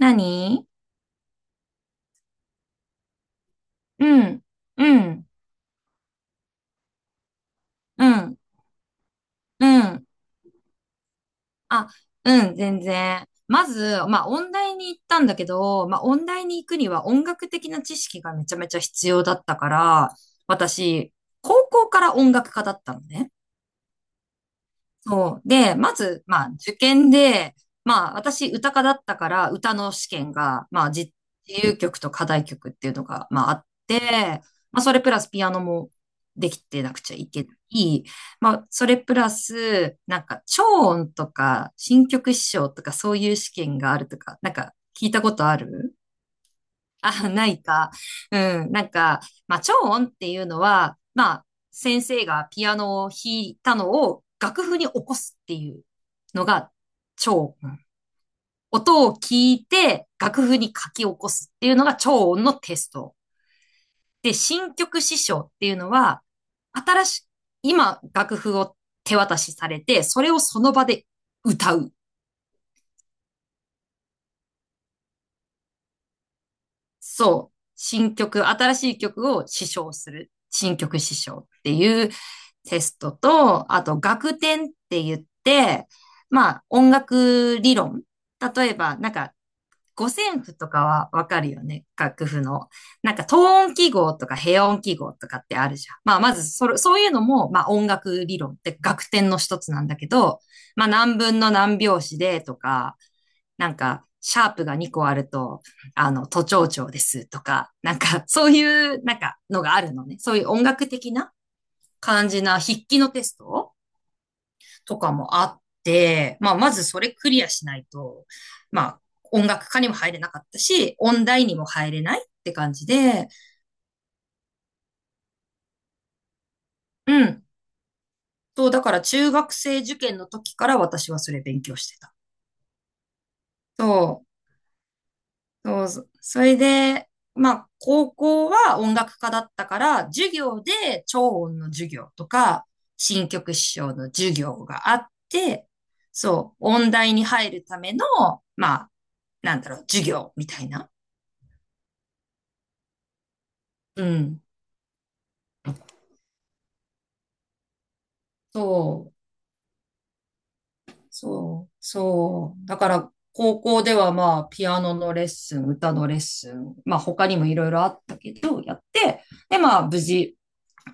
何？うん、うん、うん、うん。あ、うん、全然。まず、音大に行ったんだけど、音大に行くには音楽的な知識がめちゃめちゃ必要だったから、私、高校から音楽家だったのね。そう。で、まず、受験で、私、歌科だったから、歌の試験が、自由曲と課題曲っていうのが、あって、それプラスピアノもできてなくちゃいけない。それプラス、超音とか、新曲師匠とか、そういう試験があるとか、聞いたことある？ あ、ないか。うん。超音っていうのは、先生がピアノを弾いたのを楽譜に起こすっていうのが超音。音を聞いて楽譜に書き起こすっていうのが超音のテスト。で、新曲師匠っていうのは、新しい、今楽譜を手渡しされて、それをその場で歌う。そう。新曲、新しい曲を試唱する。新曲試唱っていうテストと、あと学点って言って、音楽理論。例えば、五線譜とかはわかるよね、楽譜の。等音記号とか平音記号とかってあるじゃん。まずそれ、そういうのも、音楽理論って楽点の一つなんだけど、何分の何拍子でとか、シャープが2個あると、都庁長ですとか、なんか、そういう、なんか、のがあるのね。そういう音楽的な感じな筆記のテストとかもあって、まずそれクリアしないと、まあ、音楽科にも入れなかったし、音大にも入れないって感じで、うん。そう、だから中学生受験の時から私はそれ勉強してた。そそうそれで、高校は音楽科だったから、授業で超音の授業とか、新曲師匠の授業があって、そう、音大に入るための、まあ、授業みたいな。うん。そう、そう。だから、高校では、ピアノのレッスン、歌のレッスン、他にもいろいろあったけど、やって、で、無事、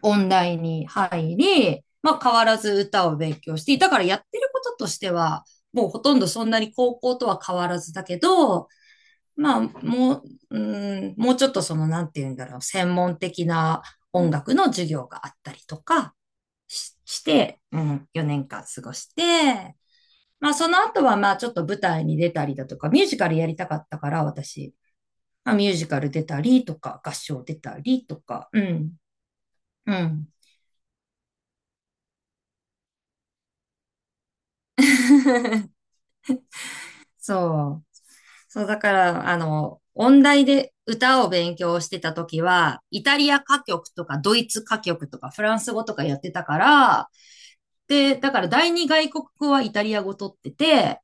音大に入り、まあ変わらず歌を勉強していたからやってることとしては、もうほとんどそんなに高校とは変わらずだけど、まあももうちょっとそのなんていうんだろう、専門的な音楽の授業があったりとかして、うん、4年間過ごして、まあその後はまあちょっと舞台に出たりだとか、ミュージカルやりたかったから私、ミュージカル出たりとか、合唱出たりとか、うん、うん。そう。そう、だから、音大で歌を勉強してた時は、イタリア歌曲とかドイツ歌曲とかフランス語とかやってたから、で、だから第二外国語はイタリア語取ってて、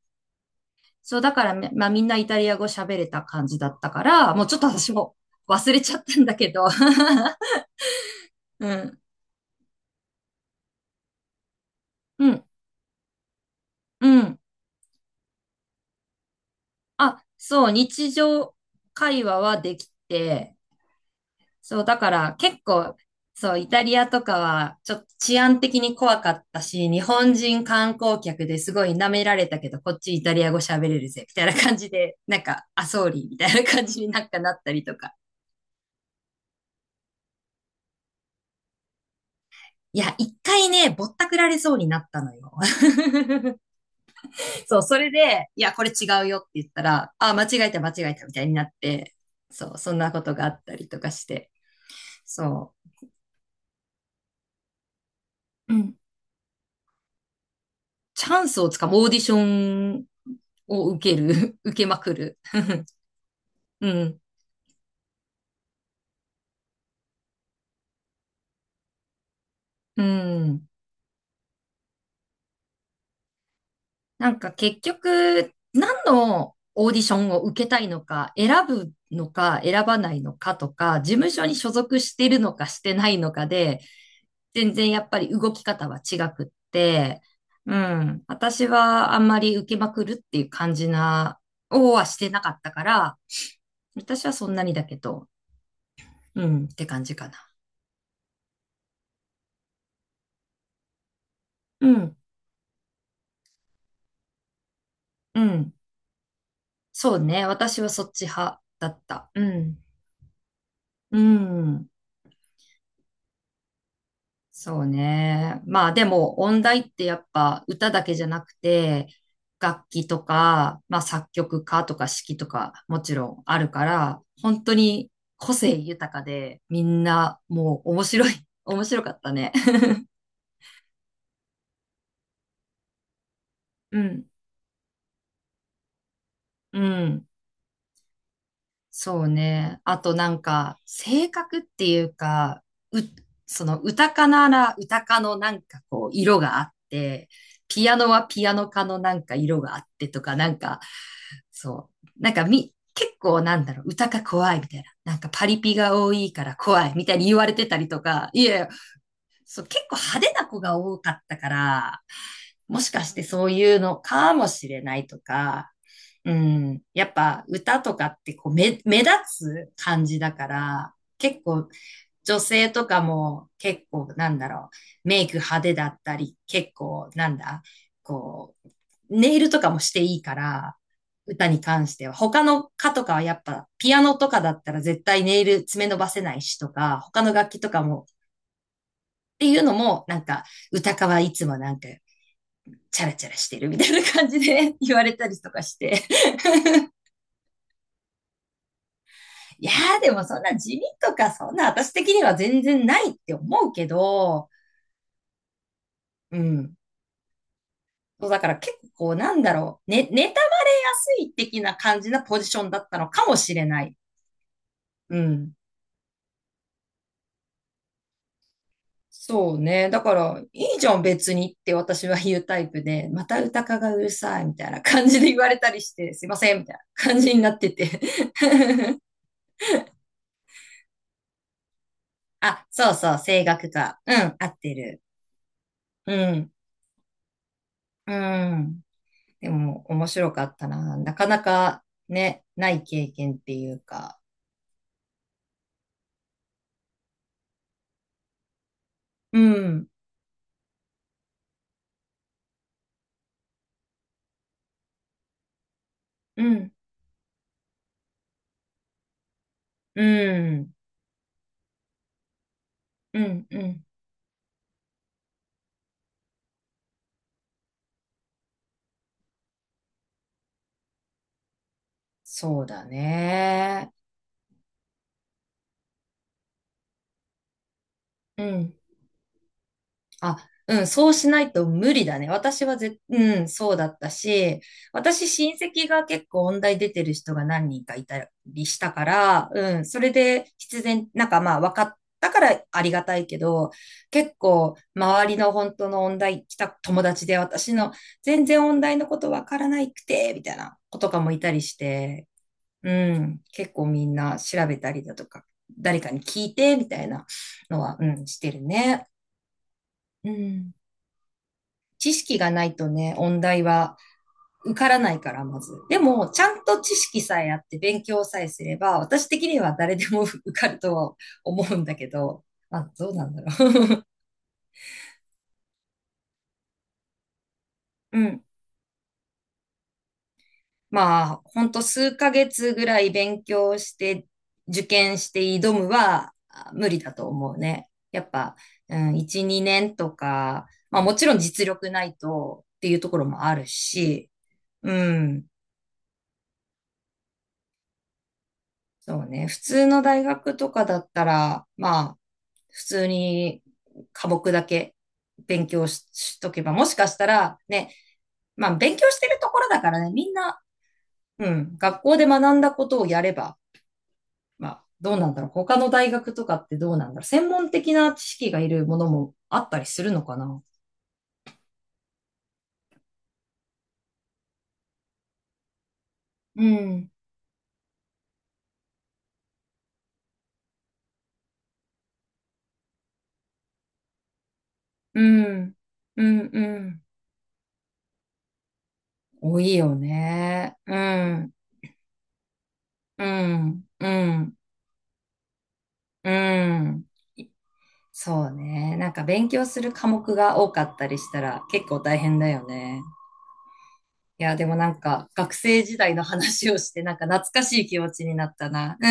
そう、だからめ、まあみんなイタリア語喋れた感じだったから、もうちょっと私も忘れちゃったんだけど。うん、うん、うん。あ、そう、日常会話はできて、そう、だから結構、そう、イタリアとかは、ちょっと治安的に怖かったし、日本人観光客ですごい舐められたけど、こっちイタリア語喋れるぜ、みたいな感じで、あ、ソーリーみたいな感じになったりとか。いや、一回ね、ぼったくられそうになったのよ。そう、それで、いや、これ違うよって言ったら、あ、間違えた、間違えた、みたいになって、そう、そんなことがあったりとかして、そう。うん、チャンスをつかむ、オーディションを受ける。受けまくる。うん。うん。結局、何のオーディションを受けたいのか、選ぶのか、選ばないのかとか、事務所に所属してるのかしてないのかで、全然やっぱり動き方は違くって、うん。私はあんまり受けまくるっていう感じな、をはしてなかったから、私はそんなにだけど、うん、って感じかな。うん、うん。そうね、私はそっち派だった。うん。うん。そうね。まあでも音大ってやっぱ歌だけじゃなくて楽器とか、まあ作曲家とか指揮とかもちろんあるから、本当に個性豊かでみんなもう面白い、面白かったね。うん。うん。そうね。あとなんか、性格っていうか、う、その歌かなら歌かのなんかこう、色があって、ピアノはピアノかのなんか色があってとか、そう。なんかみ、結構なんだろう、歌か怖いみたいな。なんかパリピが多いから怖いみたいに言われてたりとか、いや、そう、結構派手な子が多かったから、もしかしてそういうのかもしれないとか、うん、やっぱ歌とかってこう目立つ感じだから、結構女性とかも結構なんだろう、メイク派手だったり、結構なんだ、こう、ネイルとかもしていいから、歌に関しては。他の歌とかはやっぱ、ピアノとかだったら絶対ネイル爪伸ばせないしとか、他の楽器とかもっていうのも、歌川いつもなんか、チャラチャラしてるみたいな感じで 言われたりとかして。いやーでもそんな地味とか、そんな私的には全然ないって思うけど、うん。だから結構こうなんだろう、ね、妬まれやすい的な感じなポジションだったのかもしれない。うん。そうね。だから、いいじゃん別にって私は言うタイプで、また歌かがうるさいみたいな感じで言われたりして、すいませんみたいな感じになってて あ、そうそう、声楽か。うん、合ってる。うん、うん。でも、面白かったな。なかなかね、ない経験っていうか。うん、うん、うん、うん、うん。そうだね。うん。あ、うん、そうしないと無理だね。私はぜ、うん、そうだったし、私親戚が結構音大出てる人が何人かいたりしたから、うん、それで必然、まあ分かったからありがたいけど、結構周りの本当の音大来た友達で、私の全然音大のこと分からないくて、みたいな子とかもいたりして、うん、結構みんな調べたりだとか、誰かに聞いて、みたいなのは、うん、してるね。うん。知識がないとね、音大は受からないから、まず。でも、ちゃんと知識さえあって勉強さえすれば、私的には誰でも 受かるとは思うんだけど、あ、どうなんだろう。うん。まあ、ほんと数ヶ月ぐらい勉強して受験して挑むはあ無理だと思うね。やっぱ、うん、1、2年とか、まあもちろん実力ないとっていうところもあるし、うん。そうね。普通の大学とかだったら、普通に科目だけ勉強し、しとけば、もしかしたらね、まあ、勉強してるところだからね、みんな、うん、学校で学んだことをやれば、まあ、どうなんだろう。他の大学とかってどうなんだろう。専門的な知識がいるものもあったりするのかな。うん、うん、うん、うん。多いよね。うん、うん、うん、うん。そうね。なんか勉強する科目が多かったりしたら結構大変だよね。いや、でもなんか学生時代の話をしてなんか懐かしい気持ちになったな。う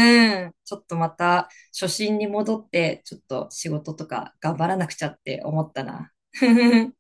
ん。ちょっとまた初心に戻って、ちょっと仕事とか頑張らなくちゃって思ったな。